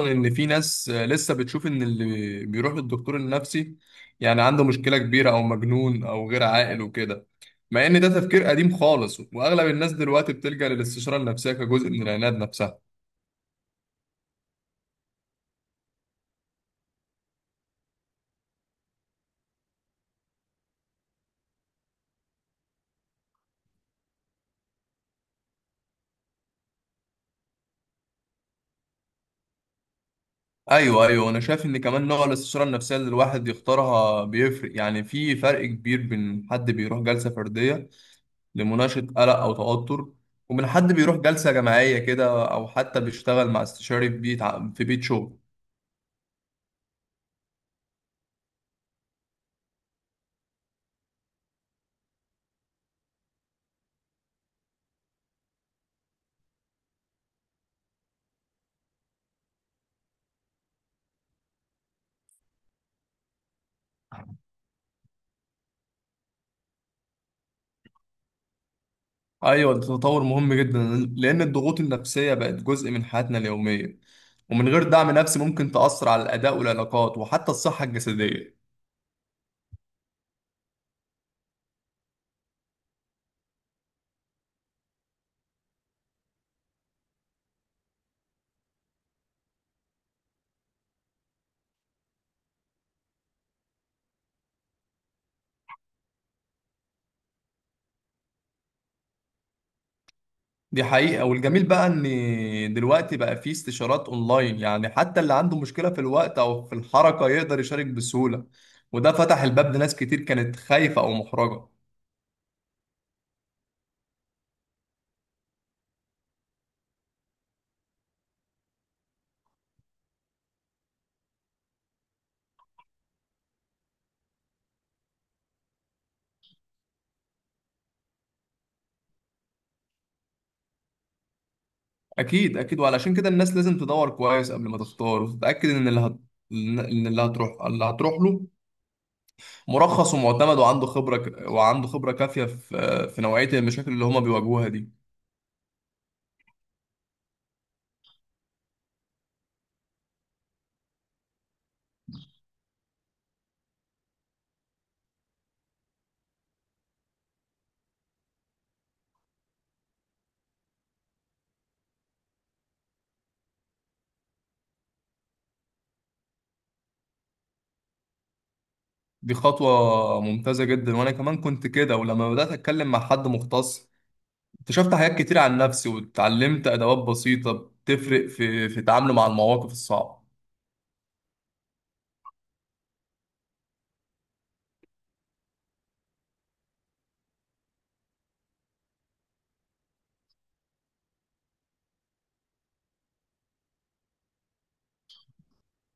ان في ناس لسه بتشوف ان اللي بيروح للدكتور النفسي يعني عنده مشكلة كبيرة او مجنون او غير عاقل وكده. مع ان ده تفكير قديم خالص، واغلب الناس دلوقتي بتلجأ للاستشارة النفسية كجزء من العناد نفسها. ايوه ايوه، انا شايف ان كمان نوع الاستشارة النفسية اللي الواحد يختارها بيفرق، يعني في فرق كبير بين حد بيروح جلسة فردية لمناقشة قلق او توتر، ومن حد بيروح جلسة جماعية كده او حتى بيشتغل مع استشاري في بيت في بيت شغل. ايوه، ده تطور مهم جدا، لان الضغوط النفسيه بقت جزء من حياتنا اليوميه، ومن غير دعم نفسي ممكن تاثر على الاداء والعلاقات وحتى الصحه الجسديه. دي حقيقه، والجميل بقى ان دلوقتي بقى في استشارات اونلاين، يعني حتى اللي عنده مشكله في الوقت او في الحركه يقدر يشارك بسهوله، وده فتح الباب لناس كتير كانت خايفه او محرجه. اكيد اكيد، وعلشان كده الناس لازم تدور كويس قبل ما تختار وتتاكد ان اللي هتروح له مرخص ومعتمد، وعنده خبرة كافية في نوعية المشاكل اللي هما بيواجهوها دي. دي خطوة ممتازة جدا، وأنا كمان كنت كده، ولما بدأت أتكلم مع حد مختص اكتشفت حاجات كتير عن نفسي، واتعلمت أدوات بسيطة بتفرق في تعامله مع المواقف الصعبة.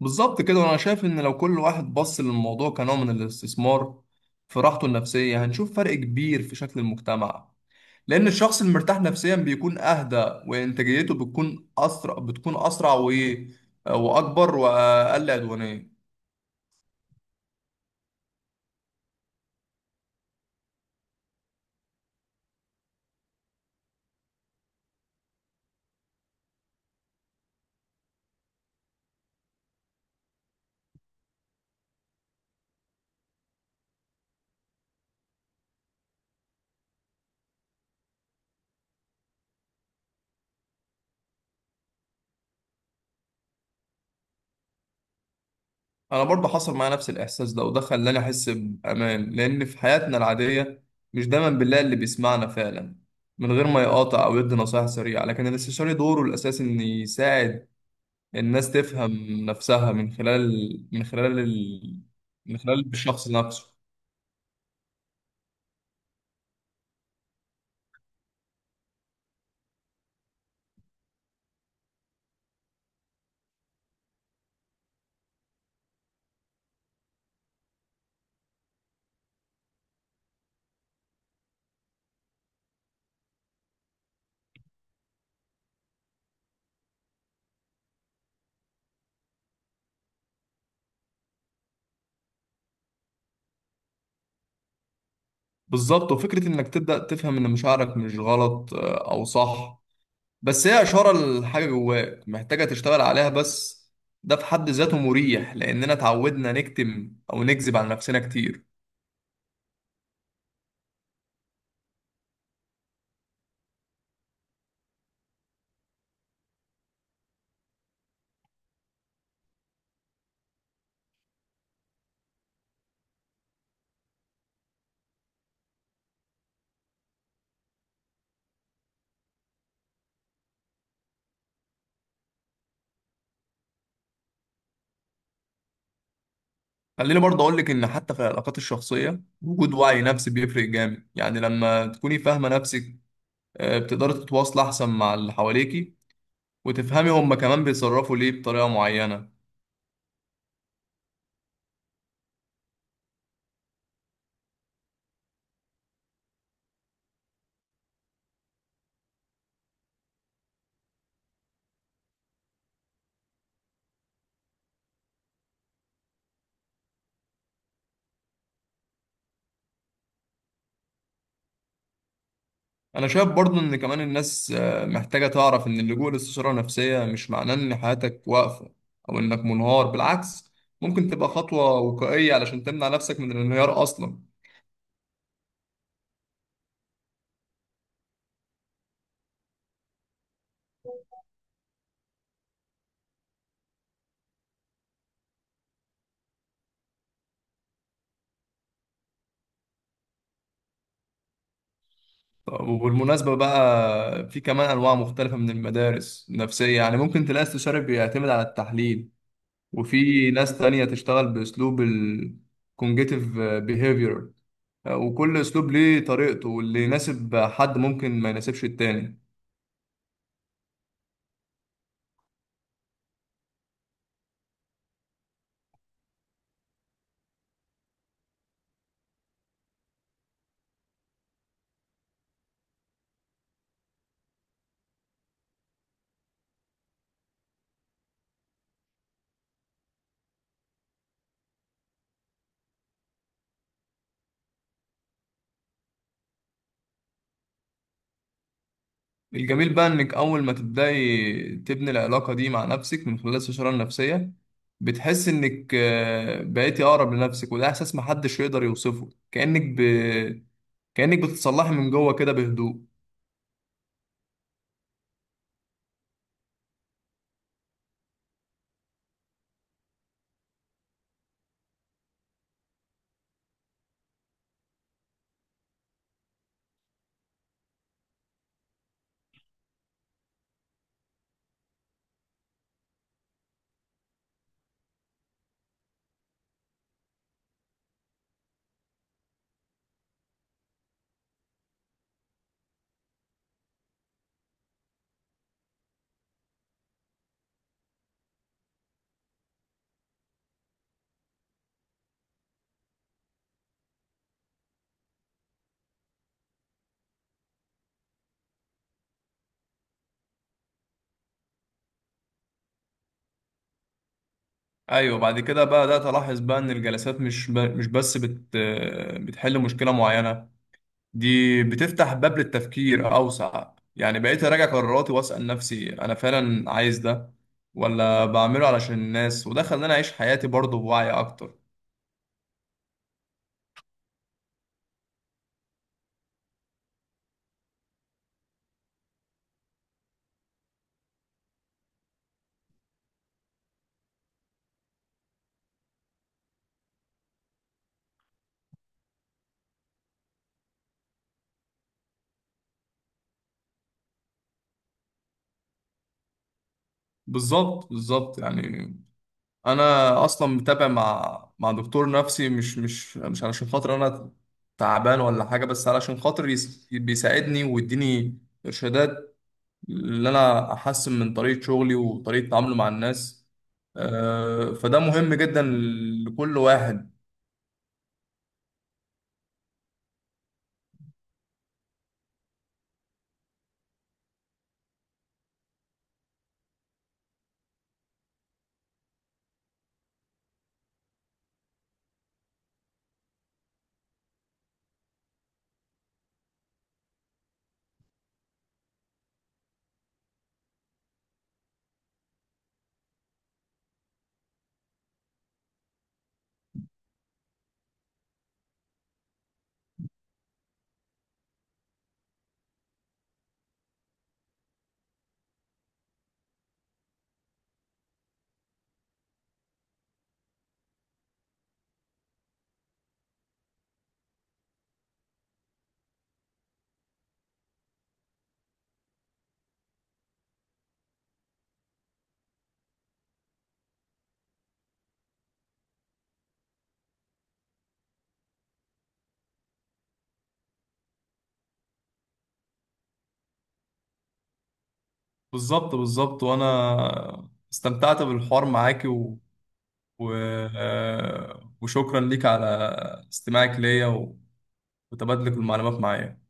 بالظبط كده، وأنا شايف إن لو كل واحد بص للموضوع كنوع من الاستثمار في راحته النفسية هنشوف فرق كبير في شكل المجتمع. لأن الشخص المرتاح نفسيا بيكون أهدى، وإنتاجيته بتكون أسرع، وأكبر وأقل عدوانية. أنا برضه حصل معايا نفس الإحساس ده، وده خلاني أحس بأمان. لأن في حياتنا العادية مش دايما بنلاقي اللي بيسمعنا فعلا من غير ما يقاطع أو يدي نصايح سريعة، لكن الاستشاري دوره الأساسي إن يساعد الناس تفهم نفسها من خلال الشخص نفسه. بالظبط، وفكرة إنك تبدأ تفهم إن مشاعرك مش غلط أو صح، بس هي إشارة لحاجة جواك محتاجة تشتغل عليها، بس ده في حد ذاته مريح لأننا اتعودنا نكتم أو نكذب على نفسنا كتير. خليني برضه أقولك إن حتى في العلاقات الشخصية وجود وعي نفسي بيفرق جامد. يعني لما تكوني فاهمة نفسك بتقدري تتواصلي أحسن مع اللي حواليكي، وتفهمي هما كمان بيتصرفوا ليه بطريقة معينة. انا شايف برضو ان كمان الناس محتاجة تعرف ان اللجوء لاستشارة نفسية مش معناه ان حياتك واقفة او انك منهار. بالعكس، ممكن تبقى خطوة وقائية علشان تمنع نفسك من الانهيار اصلا. طب، وبالمناسبة بقى في كمان انواع مختلفة من المدارس النفسية، يعني ممكن تلاقي استشاري بيعتمد على التحليل، وفي ناس تانية تشتغل باسلوب الكونجيتيف بيهيفير، وكل اسلوب ليه طريقته، واللي يناسب حد ممكن ما يناسبش التاني. الجميل بقى انك اول ما تبداي تبني العلاقه دي مع نفسك من خلال الشرايين النفسيه بتحس انك بقيتي اقرب لنفسك، وده احساس محدش يقدر يوصفه. كانك بتتصلحي من جوه كده بهدوء. ايوه، بعد كده بقى بدات الاحظ بقى ان الجلسات مش بس بت... آه، بتحل مشكله معينه. دي بتفتح باب للتفكير اوسع، يعني بقيت اراجع قراراتي واسال نفسي انا فعلا عايز ده ولا بعمله علشان الناس، وده خلاني اعيش حياتي برضه بوعي اكتر. بالظبط بالظبط، يعني انا اصلا متابع مع دكتور نفسي، مش علشان خاطر انا تعبان ولا حاجه، بس علشان خاطر بيساعدني ويديني ارشادات اللي انا احسن من طريقه شغلي وطريقه تعاملي مع الناس. فده مهم جدا لكل واحد. بالظبط بالظبط، وانا استمتعت بالحوار معاكي و... و... آه، وشكرا ليك على استماعك ليا وتبادلك المعلومات معايا.